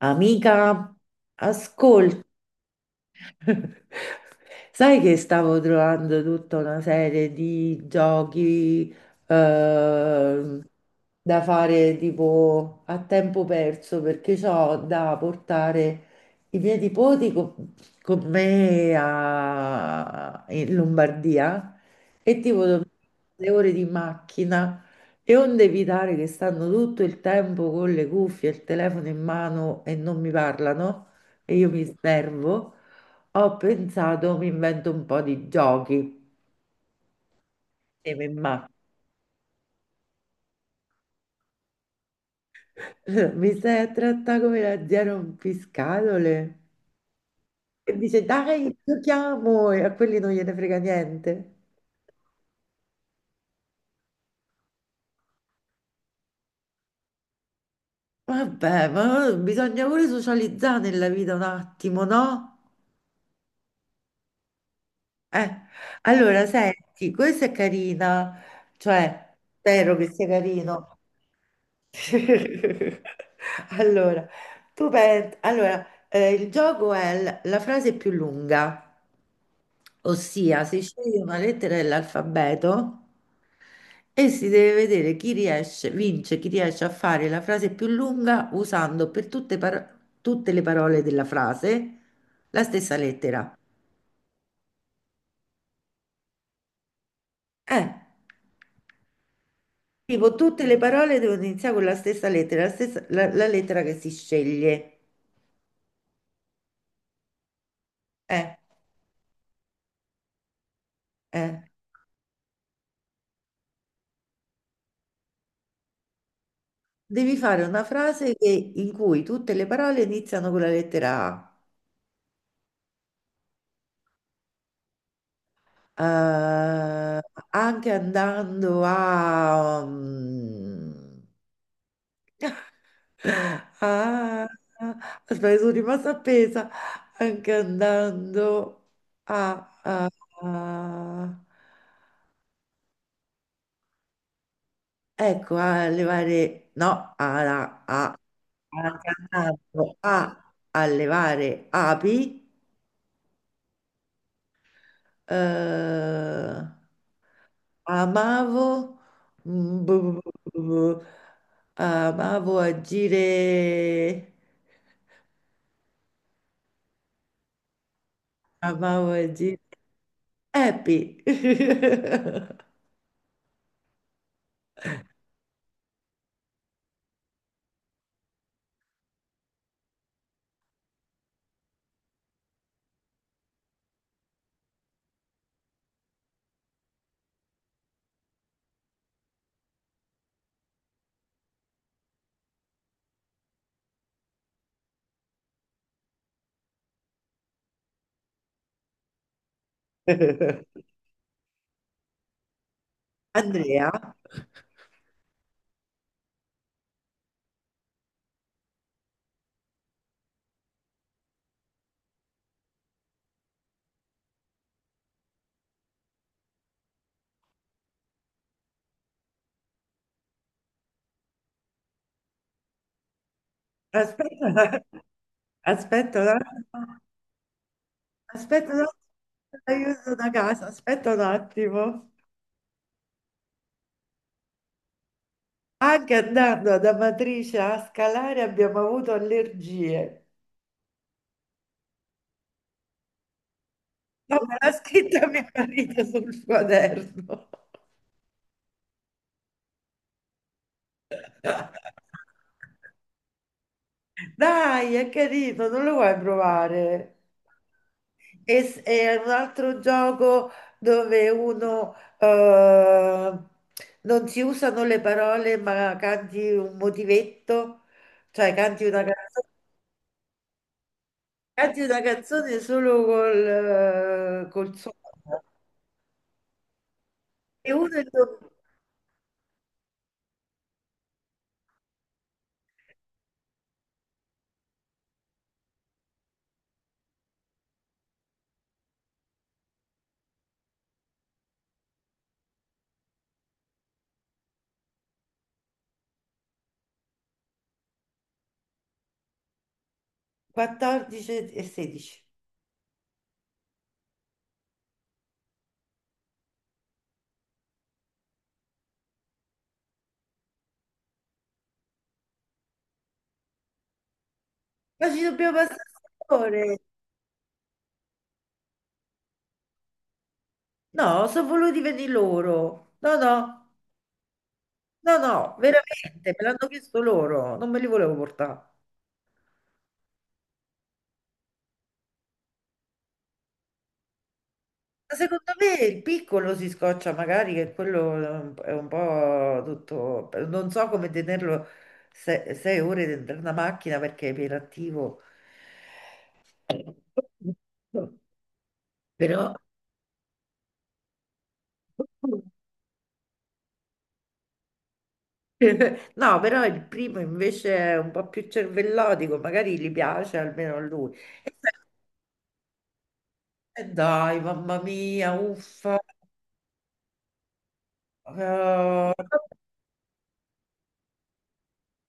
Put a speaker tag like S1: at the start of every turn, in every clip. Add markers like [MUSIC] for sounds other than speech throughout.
S1: Amica, ascolta, [LAUGHS] sai che stavo trovando tutta una serie di giochi eh, da fare tipo a tempo perso perché ho da portare i miei nipoti con, in Lombardia e le ore di macchina, e onde evitare che stanno tutto il tempo con le cuffie e il telefono in mano e non mi parlano e io mi snervo. Ho pensato, mi invento un po' di giochi insieme in macchina. [LAUGHS] Mi stai a trattare come la zia rompiscatole? E dice, dai, giochiamo! E a quelli non gliene frega niente. Vabbè, ma bisogna pure socializzare nella vita un attimo, no? Eh, allora, senti, questa è carina, cioè, spero che sia carino. [LAUGHS] Allora, tu pensi, allora, il gioco è la frase più lunga, ossia si sceglie una lettera dell'alfabeto e si deve vedere chi riesce, vince, chi riesce a fare la frase più lunga usando per tutte, tutte le parole della frase la stessa lettera. Eh. Tipo, tutte le parole devono iniziare con la stessa lettera, la lettera che si sceglie. Eh, eh. Devi fare una frase in cui tutte le parole iniziano con la lettera A. Eh, anche andando a... a... Aspetta, sono rimasta appesa. Anche andando a... a- ecco, a levare, no, a, a, a, cantando, a, a levare api, eh, amavo, mm, bu- bu- bu- bu- amavo agire, amavo agire, happy. [LAUGHS] Andrea, aspetta, aspetta, un att- aspetta un attimo, aiuto da casa, aspetta un attimo. Anche andando ad Amatrice a scalare abbiamo avuto allergie. No, me l'ha scritta mio marito sul quaderno. Dai, è carino, non lo vuoi provare? E, e un altro gioco dove uno non si usano le parole, ma canti un motivetto, cioè canti una canzone solo col, col suono. E uno e due. 14 e 16. Ma ci dobbiamo passare le ore. No, sono voluti venire loro. No, no, no, no, veramente, me l'hanno chiesto loro, non me li volevo portare. Ma secondo me il piccolo si scoccia magari, che quello è un po' tutto... Non so come tenerlo sei ore dentro una macchina perché è iperattivo. Però... [LAUGHS] No, però il primo invece è un po' più cervellotico, magari gli piace almeno a lui. E poi, dai, mamma mia, uffa. Eh,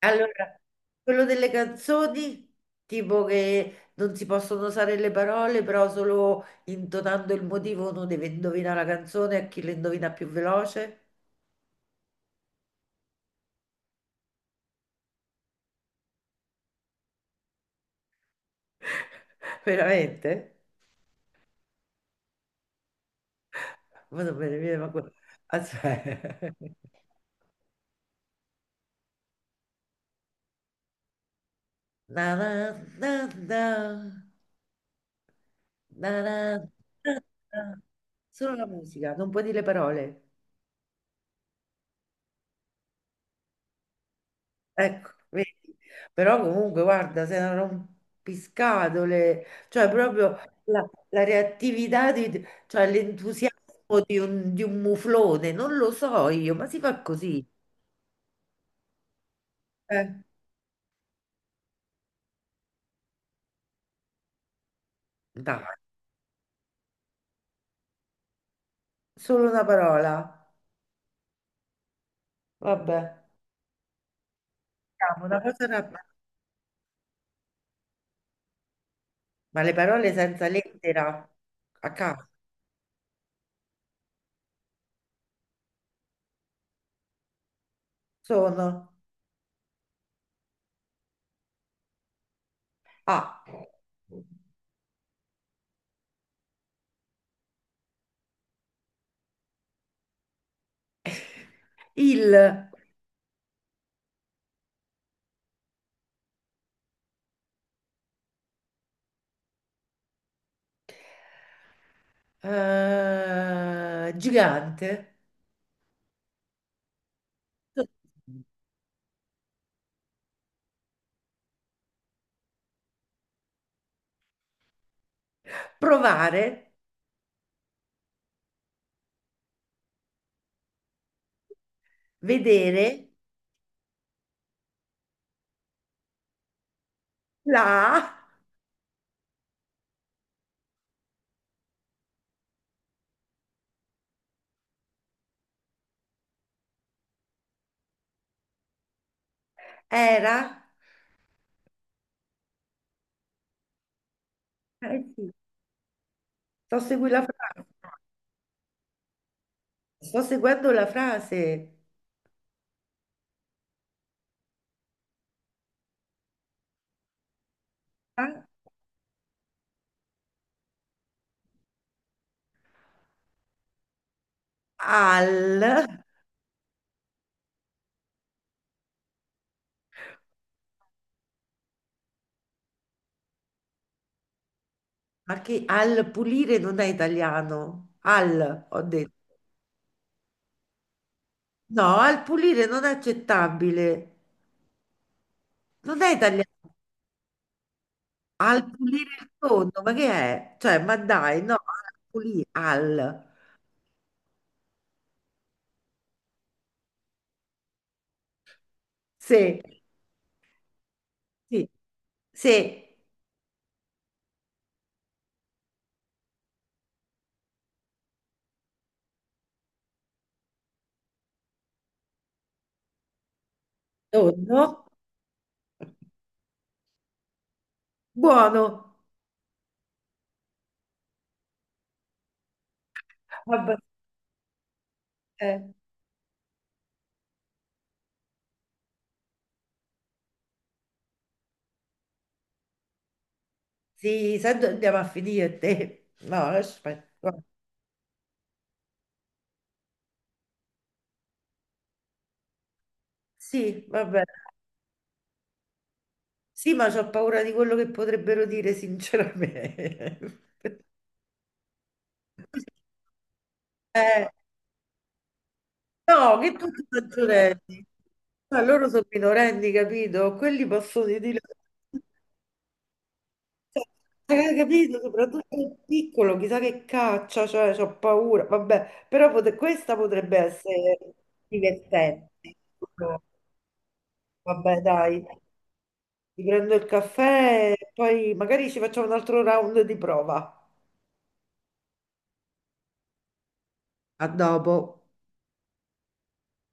S1: allora, quello delle canzoni, tipo che non si possono usare le parole, però solo intonando il motivo uno deve indovinare la canzone a chi la indovina più veloce. [LAUGHS] Veramente? Ma non me ne viene manco- Aspetta. [LAUGHS] Na na na na. Na, na, na, na. Solo la musica, non puoi dire le parole. Ecco, vedi. Però comunque, guarda, sei una rompiscatole, cioè proprio la, la reattività, cioè l'entusiasmo di un muflone, non lo so io, ma si fa così. Eh, dai, solo una parola. Vabbè, diciamo una cosa ma le parole senza lettera a caso sono A, il. Eh, gigante, provare, vedere, la era, eh sì, sto seguendo la frase, sto seguendo la frase, ah, al, ma che al pulire non è italiano, al, ho detto, no, al pulire non è accettabile, non è italiano, al pulire il fondo, ma che è? Cioè, ma dai, no, al pulire, al, sì. Sì, sì, tonno, buono. Vabbè, eh, sì, sai dove andiamo a finire te? No, aspetta, guarda. Sì, vabbè. Sì, ma ho paura di quello che potrebbero dire, sinceramente. [LAUGHS] Eh, no, che tutti maggiorenni. Ma loro sono minorenni, capito? Quelli possono dire. Cioè, hai capito? Soprattutto il piccolo, chissà che caccia, cioè, ho paura. Vabbè, però questa potrebbe essere divertente. No, vabbè, dai, ti prendo il caffè e poi magari ci facciamo un altro round di prova. A dopo.